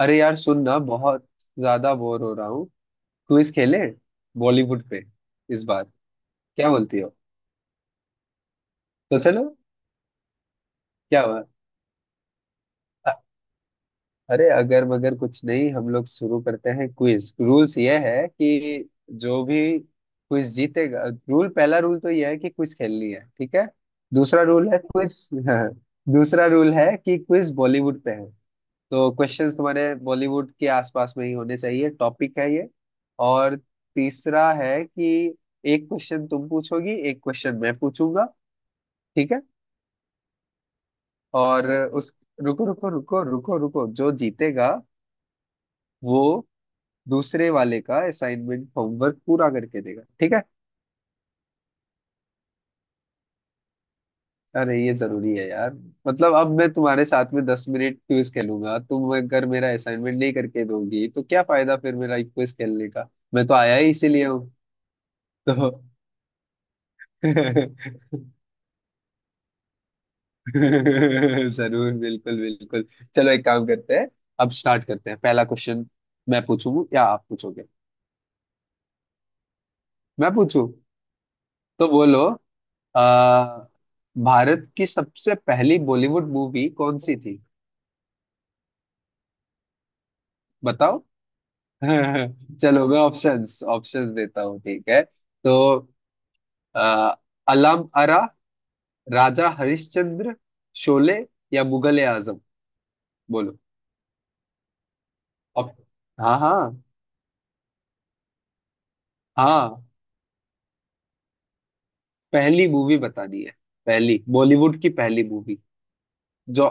अरे यार सुन ना, बहुत ज्यादा बोर हो रहा हूँ। क्विज खेले बॉलीवुड पे इस बार, क्या बोलती हो? तो चलो। क्या हुआ? अ- अरे अगर मगर कुछ नहीं, हम लोग शुरू करते हैं। क्विज रूल्स ये है कि जो भी क्विज जीतेगा, रूल पहला रूल तो ये है कि क्विज खेलनी है, ठीक है। दूसरा रूल है क्विज दूसरा रूल है कि क्विज बॉलीवुड पे है, तो क्वेश्चंस तुम्हारे बॉलीवुड के आसपास में ही होने चाहिए, टॉपिक है ये। और तीसरा है कि एक क्वेश्चन तुम पूछोगी, एक क्वेश्चन मैं पूछूंगा, ठीक है। और उस रुको रुको रुको रुको रुको, जो जीतेगा वो दूसरे वाले का असाइनमेंट होमवर्क पूरा करके देगा, ठीक है। अरे ये जरूरी है यार। मतलब अब मैं तुम्हारे साथ में 10 मिनट क्विज खेलूंगा, तुम अगर मेरा असाइनमेंट नहीं करके दोगी तो क्या फायदा फिर मेरा क्विज खेलने का। मैं तो आया ही इसीलिए हूँ। तो जरूर, बिल्कुल बिल्कुल। चलो एक काम करते हैं, अब स्टार्ट करते हैं पहला क्वेश्चन। मैं पूछूं या आप पूछोगे? मैं पूछूं। तो बोलो। आ, भारत की सबसे पहली बॉलीवुड मूवी कौन सी थी? बताओ। चलो मैं ऑप्शंस ऑप्शंस देता हूँ, ठीक है। तो आ, अलाम आरा, राजा हरिश्चंद्र, शोले या मुगले आजम। बोलो। ऑप- हाँ हाँ। हाँ, पहली मूवी बतानी है, पहली बॉलीवुड की पहली मूवी जो।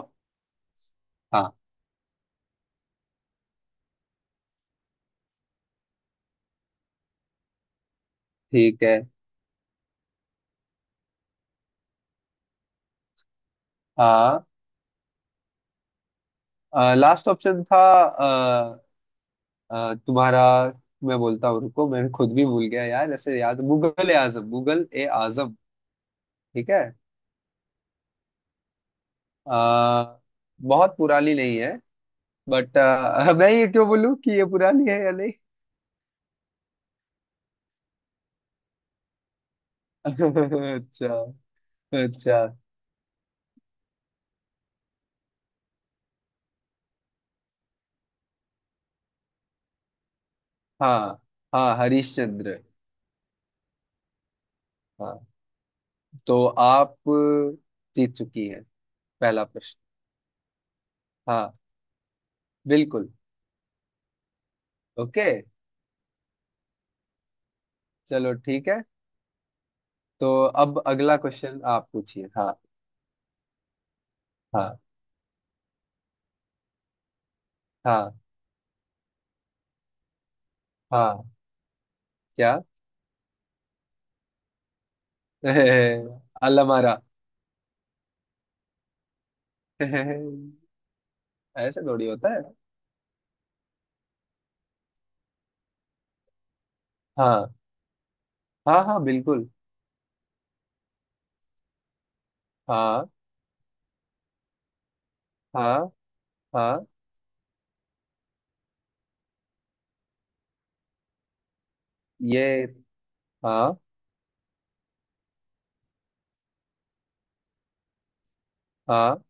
हाँ, ठीक है। हाँ, लास्ट ऑप्शन था तुम्हारा, मैं बोलता हूँ, रुको, मैं खुद भी भूल गया यार, ऐसे याद मुगल ए आजम, मुगल ए आजम। ठीक है। अ, बहुत पुरानी नहीं है, बट मैं ये क्यों बोलूँ कि ये पुरानी है या नहीं। अच्छा। अच्छा। हाँ। हाँ, हरीश चंद्र। हाँ, तो आप जीत चुकी हैं पहला प्रश्न। हाँ, बिल्कुल। ओके, चलो ठीक है। तो अब अगला क्वेश्चन आप पूछिए, हाँ। हाँ। हाँ हाँ। क्या? अल्लमारा। ऐसे थोड़ी होता है। हाँ हाँ हाँ, बिल्कुल। हाँ। हाँ हाँ। ये, हाँ। हाँ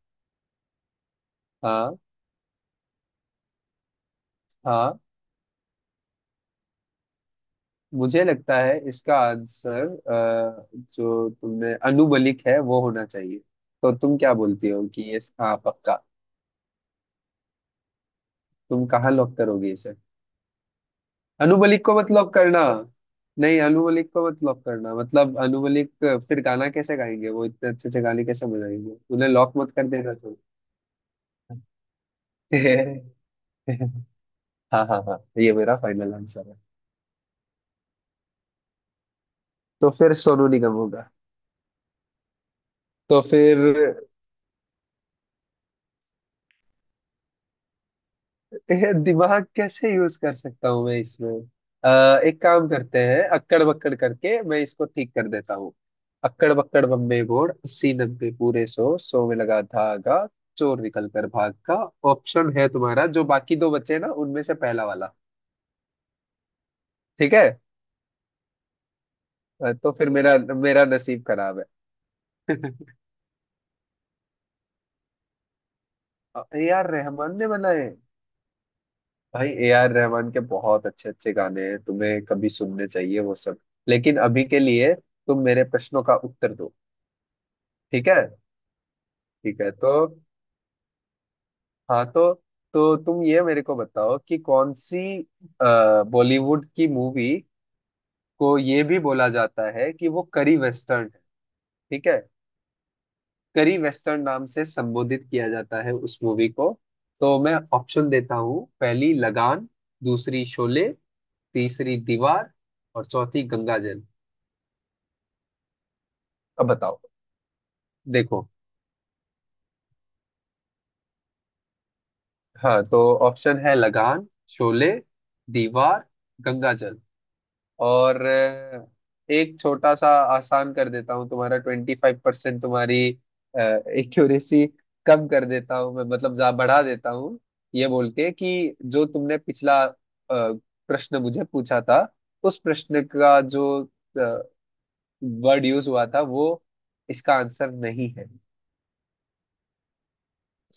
हाँ हाँ। मुझे लगता है इसका आंसर जो तुमने अनुबलिक है वो होना चाहिए। तो तुम क्या बोलती हो कि ये हाँ पक्का? तुम कहाँ लॉक करोगे? अनु मलिक को मत लॉक करना। नहीं, अनु मलिक को मत लॉक करना मतलब अनु मलिक, फिर गाना कैसे गाएंगे, वो इतने अच्छे अच्छे गाने कैसे बजाएंगे, उन्हें लॉक मत कर देना, तो। हाँ हाँ हाँ, ये मेरा फाइनल आंसर है। तो फिर सोनू निगम होगा? तो फिर ये दिमाग कैसे यूज कर सकता हूँ मैं इसमें? एक काम करते हैं, अक्कड़ बक्कड़ करके मैं इसको ठीक कर देता हूँ। अक्कड़ बक्कड़ बम्बे बोर्ड, अस्सी नब्बे पूरे सौ, सौ में लगा धागा, चोर निकल कर भाग का। ऑप्शन है तुम्हारा जो बाकी दो बचे ना, उनमें से पहला वाला। ठीक है? तो फिर मेरा मेरा नसीब खराब है। ए आर रहमान ने बनाए? भाई ए आर रहमान के बहुत अच्छे अच्छे गाने हैं, तुम्हें कभी सुनने चाहिए वो सब। लेकिन अभी के लिए तुम मेरे प्रश्नों का उत्तर दो। ठीक है। ठीक है, तो हाँ। तो तुम ये मेरे को बताओ कि कौन सी बॉलीवुड की मूवी को ये भी बोला जाता है कि वो करी वेस्टर्न है, ठीक है। करी वेस्टर्न नाम से संबोधित किया जाता है उस मूवी को। तो मैं ऑप्शन देता हूँ: पहली लगान, दूसरी शोले, तीसरी दीवार, और चौथी गंगा जल। अब बताओ। देखो। हाँ तो ऑप्शन है लगान, शोले, दीवार, गंगा जल। और एक छोटा सा आसान कर देता हूँ, तुम्हारा 25% तुम्हारी एक्यूरेसी कम कर देता हूँ मैं, मतलब जा बढ़ा देता हूँ, ये बोल के कि जो तुमने पिछला प्रश्न मुझे पूछा था, उस प्रश्न का जो वर्ड यूज हुआ था वो इसका आंसर नहीं है।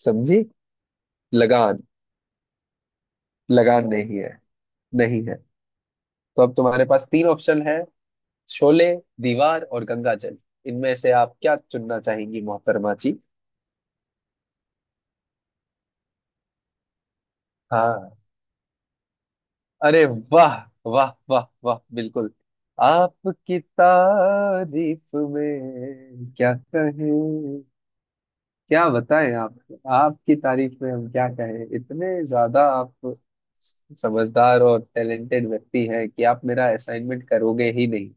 समझी? लगान। लगान नहीं है, नहीं है। तो अब तुम्हारे पास तीन ऑप्शन है: शोले, दीवार और गंगा जल। इनमें से आप क्या चुनना चाहेंगी मोहतरमा जी? हाँ। अरे वाह, वाह वाह वाह, बिल्कुल। आपकी तारीफ में क्या कहें, क्या बताएं आप। आपकी तारीफ में हम क्या कहें, इतने ज्यादा आप समझदार और टैलेंटेड व्यक्ति हैं कि आप मेरा असाइनमेंट करोगे ही नहीं।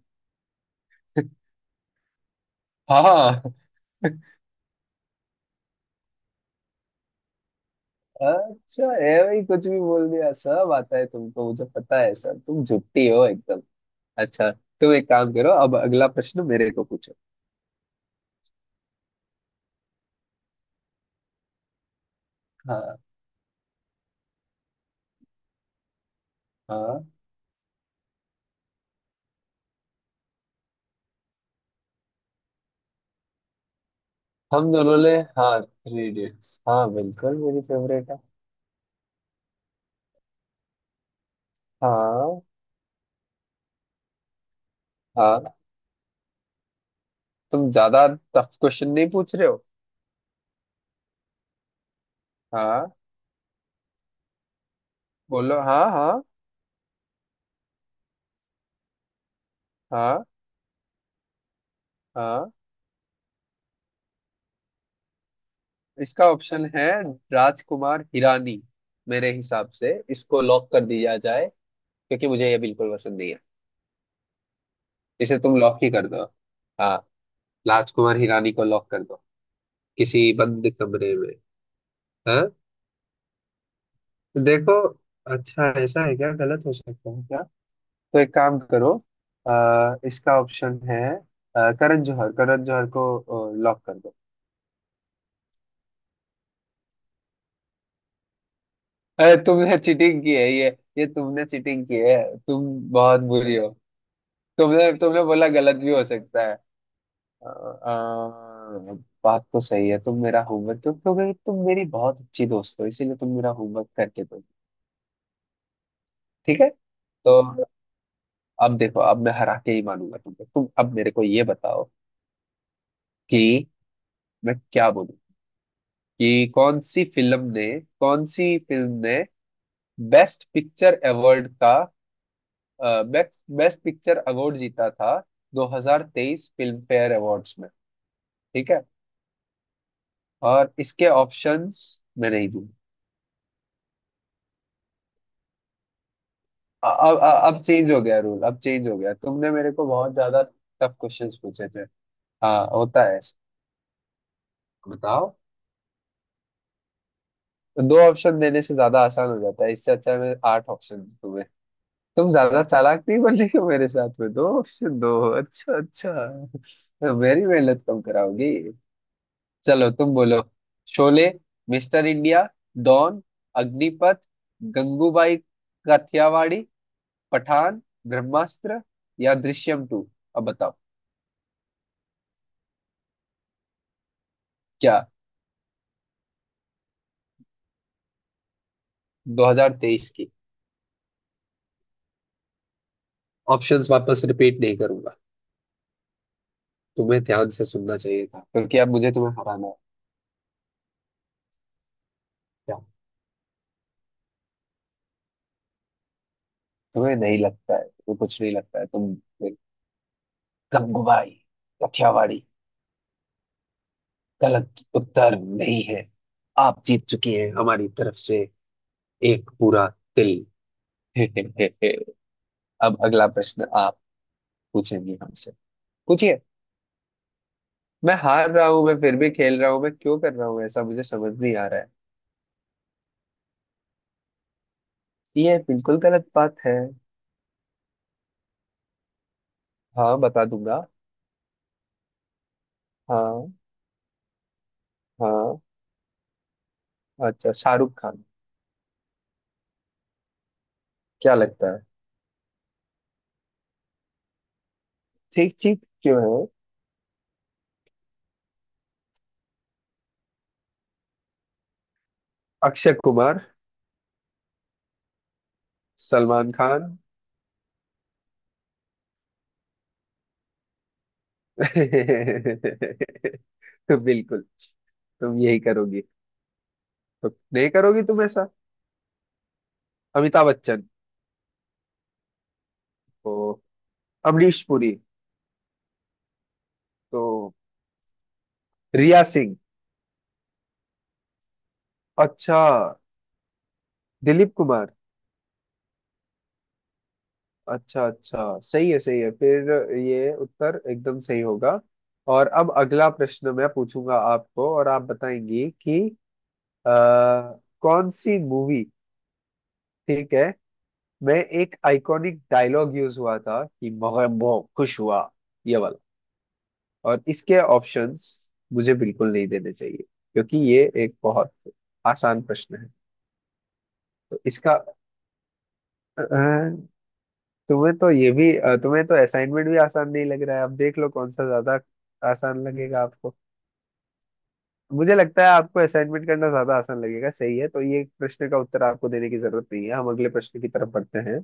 हाँ। अच्छा है भाई, कुछ भी बोल दिया, सब आता है तुमको, मुझे पता है सर, तुम झुट्टी हो एकदम। अच्छा, तुम एक काम करो, अब अगला प्रश्न मेरे को पूछो। हाँ। हाँ, हम दोनों ने। हाँ, थ्री इडियट्स, हाँ बिल्कुल मेरी फेवरेट है। हाँ। हाँ, तुम ज्यादा टफ क्वेश्चन नहीं पूछ रहे हो। हाँ, बोलो हाँ हाँ। हाँ। हाँ इसका ऑप्शन है राजकुमार हिरानी। मेरे हिसाब से इसको लॉक कर दिया जाए, क्योंकि मुझे ये बिल्कुल पसंद नहीं है, इसे तुम लॉक ही कर दो। हाँ, राजकुमार हिरानी को लॉक कर दो। किसी बंद कमरे में। हाँ, तो देखो, अच्छा ऐसा है, क्या गलत हो सकता है क्या? तो एक काम करो, इसका ऑप्शन है करण जौहर, करण जौहर को लॉक कर दो। अरे तुमने चीटिंग की है ये तुमने चीटिंग की है। तुम बहुत बुरी हो। तुमने तुमने बोला गलत भी हो सकता है। अ, अ, बात तो सही है, तुम मेरा होमवर्क, क्योंकि तुम मेरी बहुत अच्छी दोस्त हो इसीलिए तुम मेरा होमवर्क करके दो। ठीक है, तो अब देखो, अब मैं हरा के ही मानूंगा तुमको, तुम अब मेरे को ये बताओ कि मैं क्या बोलूं कि कौन सी फिल्म ने, कौन सी फिल्म ने बेस्ट पिक्चर अवार्ड का, बेस्ट बेस्ट पिक्चर अवार्ड जीता था 2023 फिल्म फेयर अवार्ड्स में, ठीक है। और इसके ऑप्शंस मैं नहीं दूंगा। अब अब चेंज हो गया रूल, अब चेंज हो गया, तुमने मेरे को बहुत ज्यादा टफ क्वेश्चंस पूछे थे। हाँ होता है ऐसा। बताओ। तो दो ऑप्शन देने से ज्यादा आसान हो जाता है, इससे अच्छा है मैं आठ ऑप्शन दूं तुम्हें। तुम ज्यादा चालाक नहीं बन रही हो मेरे साथ में, दो ऑप्शन दो। अच्छा अच्छा, तो मेरी मेहनत कम कराओगी। चलो तुम बोलो: Sholay, mister India, Don, Agneepath, Gangubai Kathiawadi, Pathaan, Brahmastra या दृश्यम टू। अब बताओ। क्या? 2023 की। ऑप्शंस वापस रिपीट नहीं करूंगा, तुम्हें ध्यान से सुनना चाहिए था, क्योंकि अब मुझे तुम्हें हराना है। क्या? तुम्हें नहीं लगता है, तुम्हें कुछ नहीं लगता है तुम। गंगूबाई काठियावाड़ी। गलत उत्तर नहीं है। आप जीत चुकी हैं हमारी तरफ से एक पूरा तिल। अब अगला प्रश्न आप पूछेंगी हमसे, पूछिए। मैं हार रहा हूं, मैं फिर भी खेल रहा हूं, मैं क्यों कर रहा हूं ऐसा, मुझे समझ नहीं आ रहा है। ये बिल्कुल गलत बात है। हाँ बता दूंगा। हाँ। हाँ, अच्छा, शाहरुख खान। क्या लगता है? ठीक ठीक क्यों है? अक्षय कुमार। सलमान खान। बिल्कुल, तुम यही करोगी, तो नहीं करोगी तुम ऐसा। अमिताभ बच्चन। तो अमरीश पुरी। तो रिया सिंह। अच्छा, दिलीप कुमार। अच्छा अच्छा, सही है फिर, ये उत्तर एकदम सही होगा। और अब अगला प्रश्न मैं पूछूंगा आपको और आप बताएंगी कि आ, कौन सी मूवी, ठीक है, मैं एक आइकॉनिक डायलॉग यूज हुआ था कि मैं बहुत खुश हुआ, ये वाला। और इसके ऑप्शंस मुझे बिल्कुल नहीं देने चाहिए, क्योंकि ये एक बहुत आसान प्रश्न है। तो इसका अ, तुम्हें तो ये भी तुम्हें तो असाइनमेंट भी आसान नहीं लग रहा है, अब देख लो कौन सा ज्यादा आसान लगेगा आपको। मुझे लगता है आपको असाइनमेंट करना ज्यादा आसान लगेगा, सही है, तो ये प्रश्न का उत्तर आपको देने की जरूरत नहीं है, हम अगले प्रश्न की तरफ बढ़ते हैं।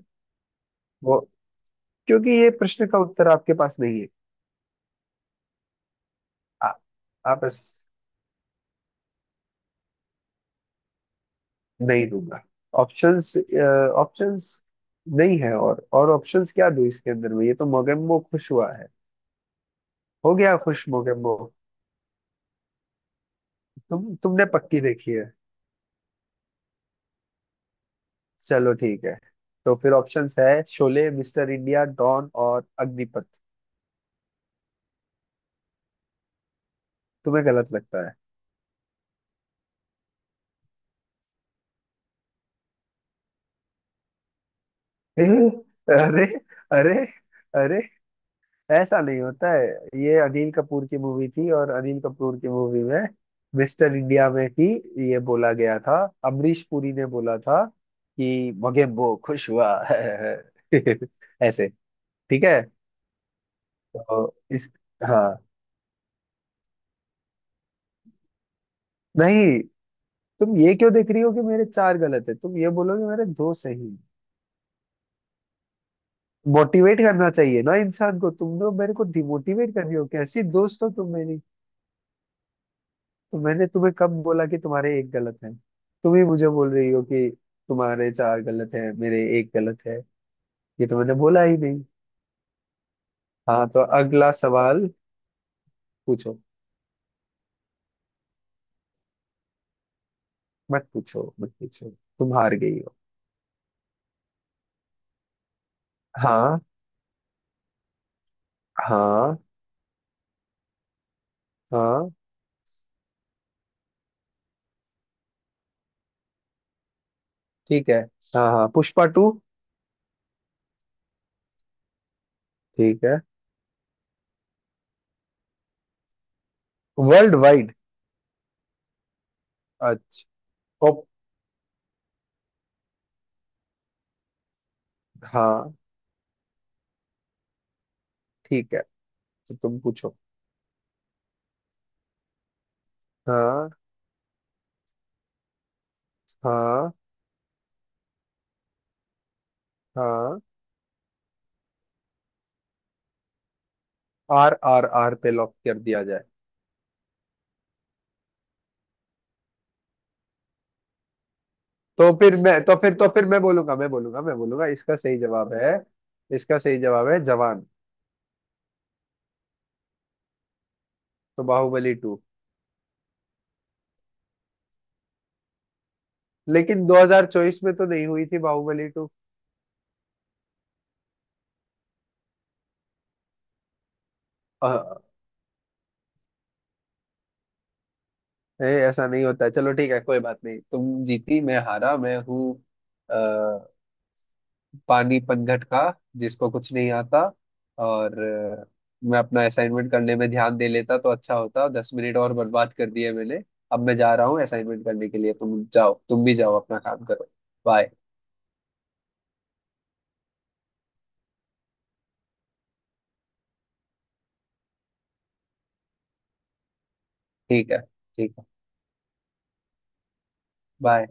वो, क्योंकि ये प्रश्न का उत्तर आपके पास नहीं है। आ, आप बस। नहीं दूंगा ऑप्शंस ऑप्शंस नहीं है, और ऑप्शंस क्या दूं इसके अंदर में, ये तो मोगेम्बो खुश हुआ है। हो गया खुश मोगेम्बो। तुम, तुमने पक्की देखी है? चलो ठीक है। तो फिर ऑप्शंस है: शोले, मिस्टर इंडिया, डॉन और अग्निपथ। तुम्हें गलत लगता है। अरे अरे अरे, ऐसा नहीं होता है। ये अनिल कपूर की मूवी थी और अनिल कपूर की मूवी में, मिस्टर इंडिया में ही ये बोला गया था। अमरीश पुरी ने बोला था कि मगेम्बो खुश हुआ ऐसे। ठीक है। तो इस, हाँ। नहीं, तुम ये क्यों देख रही हो कि मेरे चार गलत है, तुम ये बोलोगे मेरे दो सही। मोटिवेट करना चाहिए ना इंसान को, तुम लोग मेरे को डिमोटिवेट कर रही हो, कैसी दोस्त हो तुम मेरी। तो मैंने तुम्हें कब बोला कि तुम्हारे एक गलत है? तुम ही मुझे बोल रही हो कि तुम्हारे चार गलत है मेरे एक गलत है, ये तो मैंने बोला ही नहीं। हाँ, तो अगला सवाल पूछो। मत पूछो मत पूछो, तुम हार गई हो। हाँ। हाँ हाँ, ठीक है। हाँ हाँ, पुष्पा टू। ठीक है, वर्ल्ड वाइड। अच्छा। ओ। हाँ। ठीक है, तो तुम पूछो। हाँ। हाँ। हाँ। आर आर आर पे लॉक कर दिया। तो फिर मैं बोलूंगा, मैं बोलूंगा, इसका सही जवाब है। इसका सही जवाब है जवान। तो बाहुबली टू, लेकिन 2024 में तो नहीं हुई थी बाहुबली टू। अ, ए, ऐसा नहीं होता है। चलो ठीक है, कोई बात नहीं, तुम जीती, मैं हारा, मैं हूँ अ, पानी पनघट का, जिसको कुछ नहीं आता। और मैं अपना असाइनमेंट करने में ध्यान दे लेता तो अच्छा होता, 10 मिनट और बर्बाद कर दिए मैंने। अब मैं जा रहा हूँ असाइनमेंट करने के लिए, तुम जाओ, तुम भी जाओ अपना काम करो। बाय। ठीक है ठीक है। बाय।